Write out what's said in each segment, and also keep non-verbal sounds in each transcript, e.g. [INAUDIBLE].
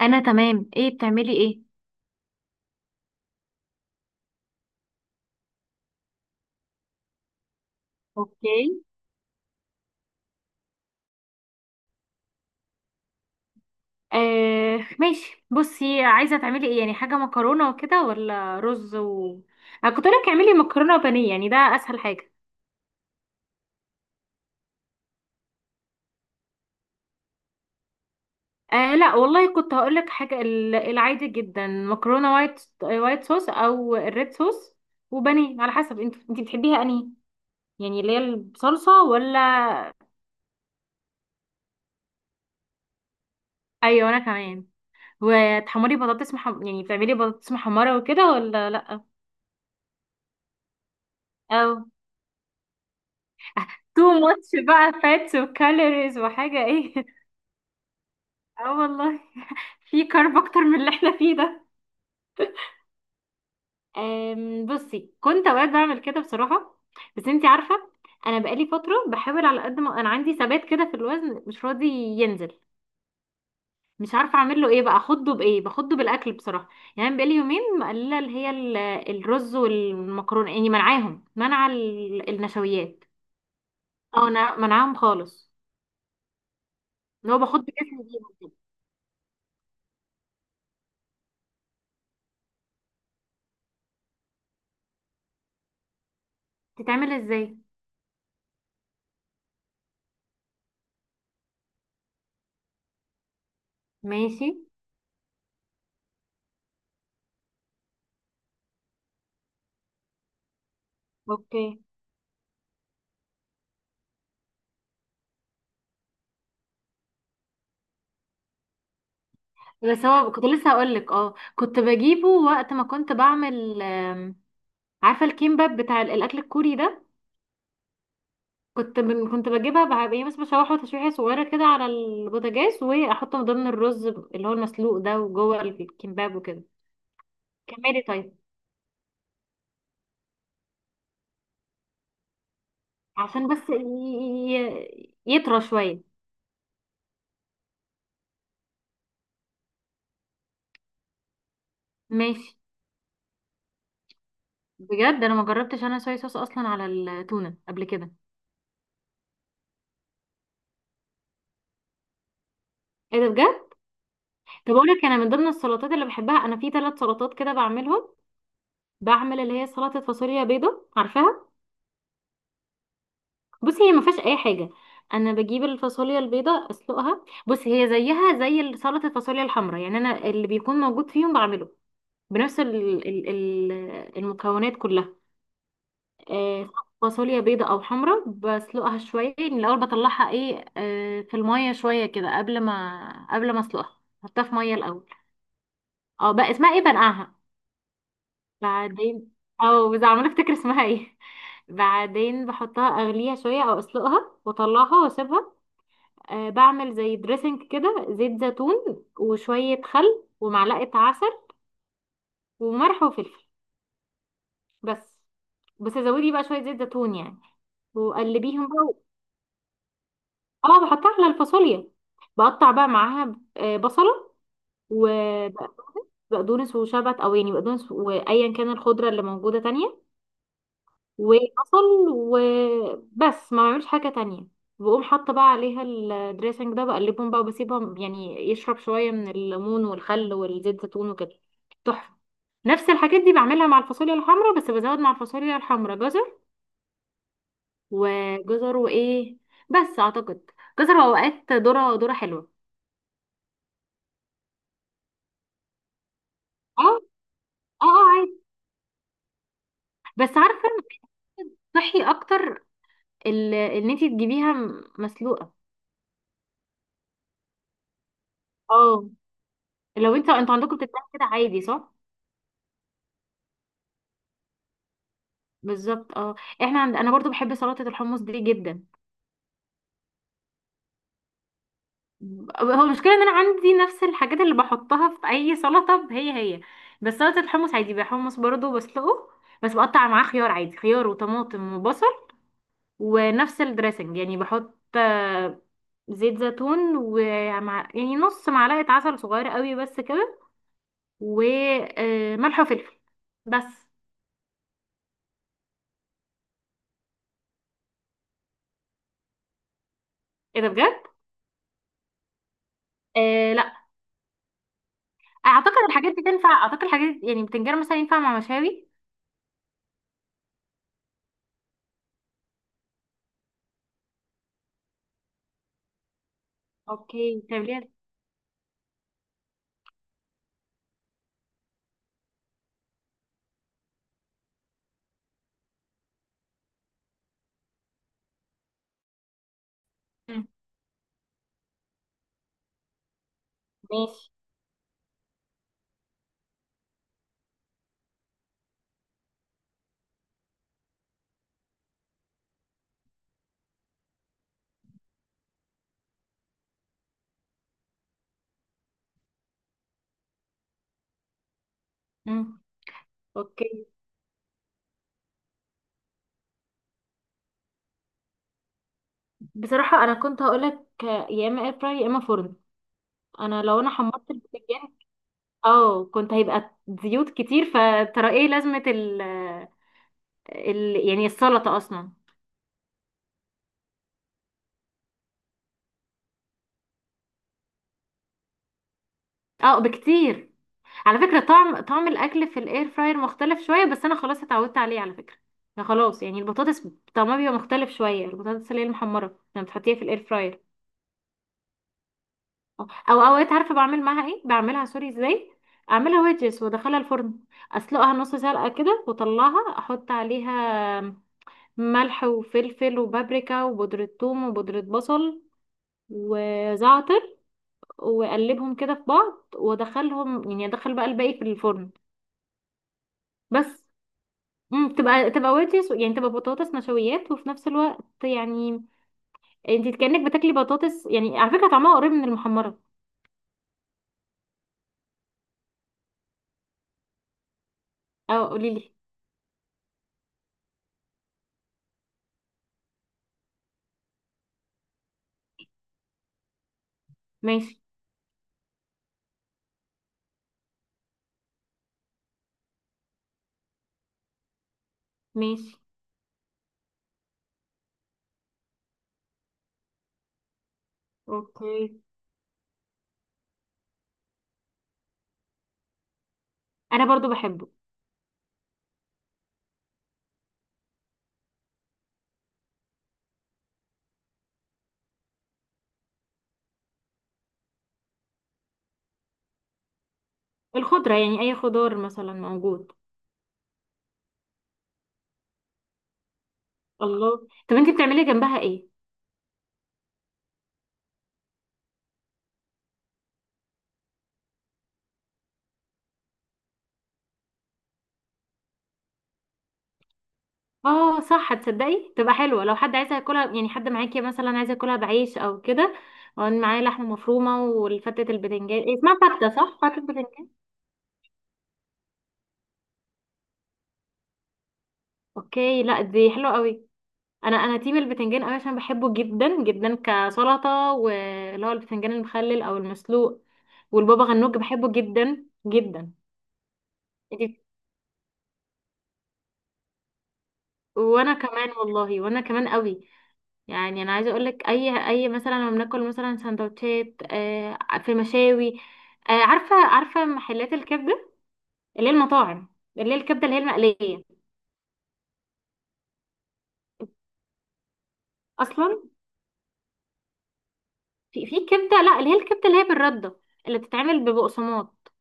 انا تمام. ايه بتعملي؟ ايه اوكي. آه ماشي بصي عايزه تعملي ايه؟ يعني حاجه مكرونه وكده ولا رز و انا كنت لك اعملي مكرونه وبانيه، يعني ده اسهل حاجه. آه لا والله كنت هقول لك حاجه، العادي جدا مكرونه وايت وايت صوص او الريد صوص، وبانيه على حسب انت بتحبيها انهي، يعني اللي هي بصلصه ولا. ايوه انا كمان. وتحمري بطاطس يعني بتعملي بطاطس محمره وكده ولا لا؟ او تو ماتش بقى، فاتس وكالوريز وحاجة ايه [LAUGHS] اه والله. في كارب اكتر من اللي احنا فيه ده. بصي كنت اوقات بعمل كده بصراحة، بس انتي عارفة، انا بقالي فترة بحاول، على قد ما انا عندي ثبات كده في الوزن مش راضي ينزل. مش عارفة اعمل له ايه بقى، اخده بايه؟ باخده بالاكل بصراحة. يعني أنا بقالي يومين مقللة اللي هي الرز والمكرونة، يعني منعاهم، منع النشويات. اه منعاهم خالص. اللي هو باخد جسمي بيهم كده. تتعمل ازاي؟ ماشي. اوكي. بس هو كنت لسه هقول لك، اه كنت بجيبه وقت ما كنت بعمل، عارفه الكيمباب بتاع الاكل الكوري ده؟ كنت بجيبها يعني بس بشوحه تشويحه صغيره كده على البوتاجاز، واحطه من ضمن الرز اللي هو المسلوق ده، وجوه الكيمباب وكده. كملي طيب. عشان بس يطرى شويه. ماشي. بجد انا ما جربتش انا صويا صوص اصلا على التونه قبل كده. ايه ده بجد؟ طب اقول لك انا من ضمن السلطات اللي بحبها، انا في ثلاث سلطات كده بعملهم. بعمل اللي هي سلطة فاصوليا بيضة، عارفاها؟ بصي هي ما فيهاش اي حاجة. انا بجيب الفاصوليا البيضة اسلقها، بصي هي زيها زي سلطة الفاصوليا الحمراء، يعني انا اللي بيكون موجود فيهم بعمله، بنفس ال المكونات كلها. آه، فاصوليا بيضة او حمراء، بسلقها شوية من الاول، بطلعها ايه في المية شوية كده، قبل ما اسلقها، حطها في مية الاول. اه بقى اسمها ايه، بنقعها. بعدين، او بس عمالة افتكر اسمها ايه، بعدين بحطها اغليها شوية او اسلقها واطلعها واسيبها. أه بعمل زي دريسنج كده، زيت زيتون وشوية خل ومعلقة عسل وملح وفلفل بس. بس زودي بقى شوية زيت زيتون يعني، وقلبيهم بقى. اه بحطها على الفاصوليا، بقطع بقى معاها بصلة وبقدونس وشبت، او يعني بقدونس وايا كان الخضرة اللي موجودة تانية، وبصل، وبس ما بعملش حاجة تانية. بقوم حاطة بقى عليها الدريسنج ده، بقلبهم بقى وبسيبهم يعني يشرب شوية من الليمون والخل والزيت زيتون وكده. تحفة. نفس الحاجات دي بعملها مع الفاصوليا الحمراء، بس بزود مع الفاصوليا الحمراء جزر، وجزر وايه، بس اعتقد جزر، واوقات ذرة حلوة. اه اه. اه عادي. بس عارفة، صحي اكتر ان انتي تجيبيها مسلوقة. اه لو انتوا عندكم بتتباع كده عادي، صح؟ بالظبط اه. احنا عند... انا برضو بحب سلطة الحمص دي جدا. هو المشكلة ان انا عندي نفس الحاجات اللي بحطها في اي سلطة، هي، بس سلطة الحمص عادي بحمص برضو بسلقه. بس بقطع معاه خيار عادي، خيار وطماطم وبصل، ونفس الدريسنج، يعني بحط زيت زيتون ومع، يعني نص معلقة عسل صغيرة قوي بس كده، وملح وفلفل بس. ايه ده بجد؟ آه لا. اعتقد الحاجات دي تنفع، اعتقد الحاجات يعني بتنجان مثلا ينفع مع مشاوي. اوكي طب ليه. مم. ماشي. مم. اوكي. بصراحة انا كنت هقولك يا اما اير فراير يا اما فرن. انا لو انا حمرت البتنجان اه كنت هيبقى زيوت كتير، فترى ايه لازمة ال يعني السلطة اصلا. اه بكتير. على فكرة، طعم الاكل في الاير فراير مختلف شوية، بس انا خلاص اتعودت عليه على فكرة. أنا خلاص يعني البطاطس طعمها بيبقى مختلف شوية، البطاطس اللي هي المحمرة لما بتحطيها في الاير فراير. اه. او اوقات عارفه بعمل معاها ايه؟ بعملها سوري ازاي، اعملها ويدجز وادخلها الفرن. اسلقها نص سلقه كده واطلعها، احط عليها ملح وفلفل وبابريكا وبودره ثوم وبودره بصل وزعتر، واقلبهم كده في بعض وادخلهم، يعني ادخل بقى الباقي في الفرن. بس تبقى ويدجز، يعني تبقى بطاطس نشويات وفي نفس الوقت يعني انت كأنك بتاكلي بطاطس، يعني على فكره طعمها قريب من المحمره. اه قوليلي. ماشي. ماشي. اوكي. انا برضو بحبه. الخضرة يعني، اي خضار مثلا موجود. الله طب انتي بتعملي جنبها ايه؟ اه صح، تصدقي تبقى حلوة لو حد عايز ياكلها، يعني حد معاكي مثلا عايز ياكلها بعيش او كده، وان معايا لحمة مفرومة. والفتة البتنجان إيه اسمها، فتة صح؟ فتة بتنجان. اوكي لا دي حلوة قوي. انا تيم البتنجان قوي، عشان بحبه جدا جدا كسلطة، واللي هو البتنجان المخلل او المسلوق، والبابا غنوج بحبه جدا جدا. إنتي- وانا كمان والله، وانا كمان قوي. يعني انا عايزه اقول لك، اي مثلا لما بناكل مثلا سندوتشات في مشاوي، عارفه عارفه محلات الكبده، اللي هي المطاعم، اللي هي الكبده اللي هي المقليه اصلا. في كبده، لا اللي هي الكبده اللي هي بالرده، اللي بتتعمل ببقسماط.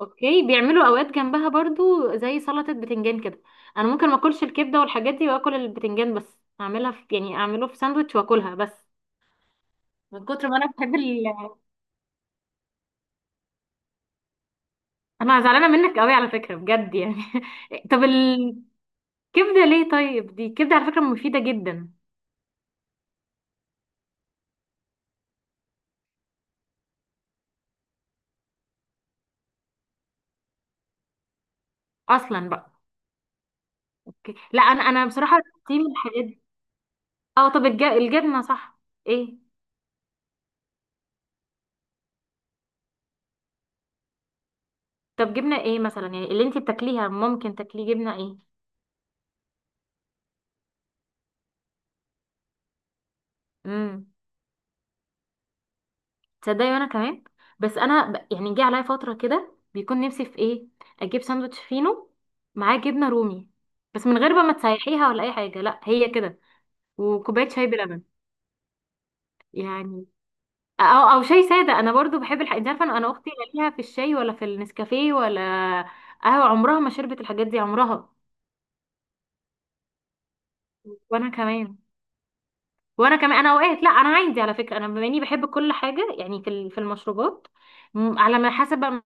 اوكي. بيعملوا اوقات جنبها برضو زي سلطه بتنجان كده. انا ممكن ما اكلش الكبده والحاجات دي واكل البتنجان بس، اعملها في يعني اعمله في ساندوتش واكلها بس، من كتر ما انا بحب انا زعلانه منك قوي على فكره، بجد يعني [LAUGHS] طب كبده ليه طيب؟ دي كبده على فكره مفيده جدا، اصلا بقى. أوكي. لا انا انا بصراحه دي من الحاجات دي. اه طب الجبنه صح. ايه. طب جبنه ايه مثلا، يعني اللي انتي بتاكليها، ممكن تاكليه جبنه ايه؟ امم. تصدقي وانا كمان. بس انا يعني جه عليا فتره كده بيكون نفسي في ايه، اجيب ساندوتش فينو معاه جبنه رومي، بس من غير بقى ما تسيحيها ولا اي حاجه، لا هي كده، وكوبايه شاي بلبن. يعني، او شاي ساده. انا برضو بحب انت عارفه انا، اختي لا ليها في الشاي ولا في النسكافيه ولا قهوه، عمرها ما شربت الحاجات دي عمرها. وانا كمان، وانا كمان. انا اوقات لا، انا عندي على فكره انا، بما اني بحب كل حاجه يعني في في المشروبات، على ما حسب بقى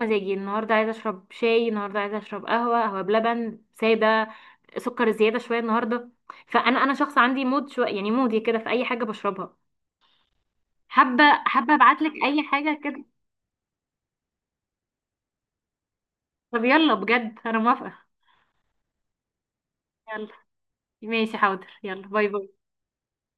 مزاجي، النهارده عايزه اشرب شاي، النهارده عايزه اشرب قهوه، قهوه بلبن، ساده، سكر زياده شويه النهارده. فانا انا شخص عندي مود شويه، يعني مودي كده في اي حاجه بشربها. حابه حابه ابعت لك اي حاجه كده. طب يلا بجد انا موافقه. يلا. ماشي حاضر. يلا باي باي.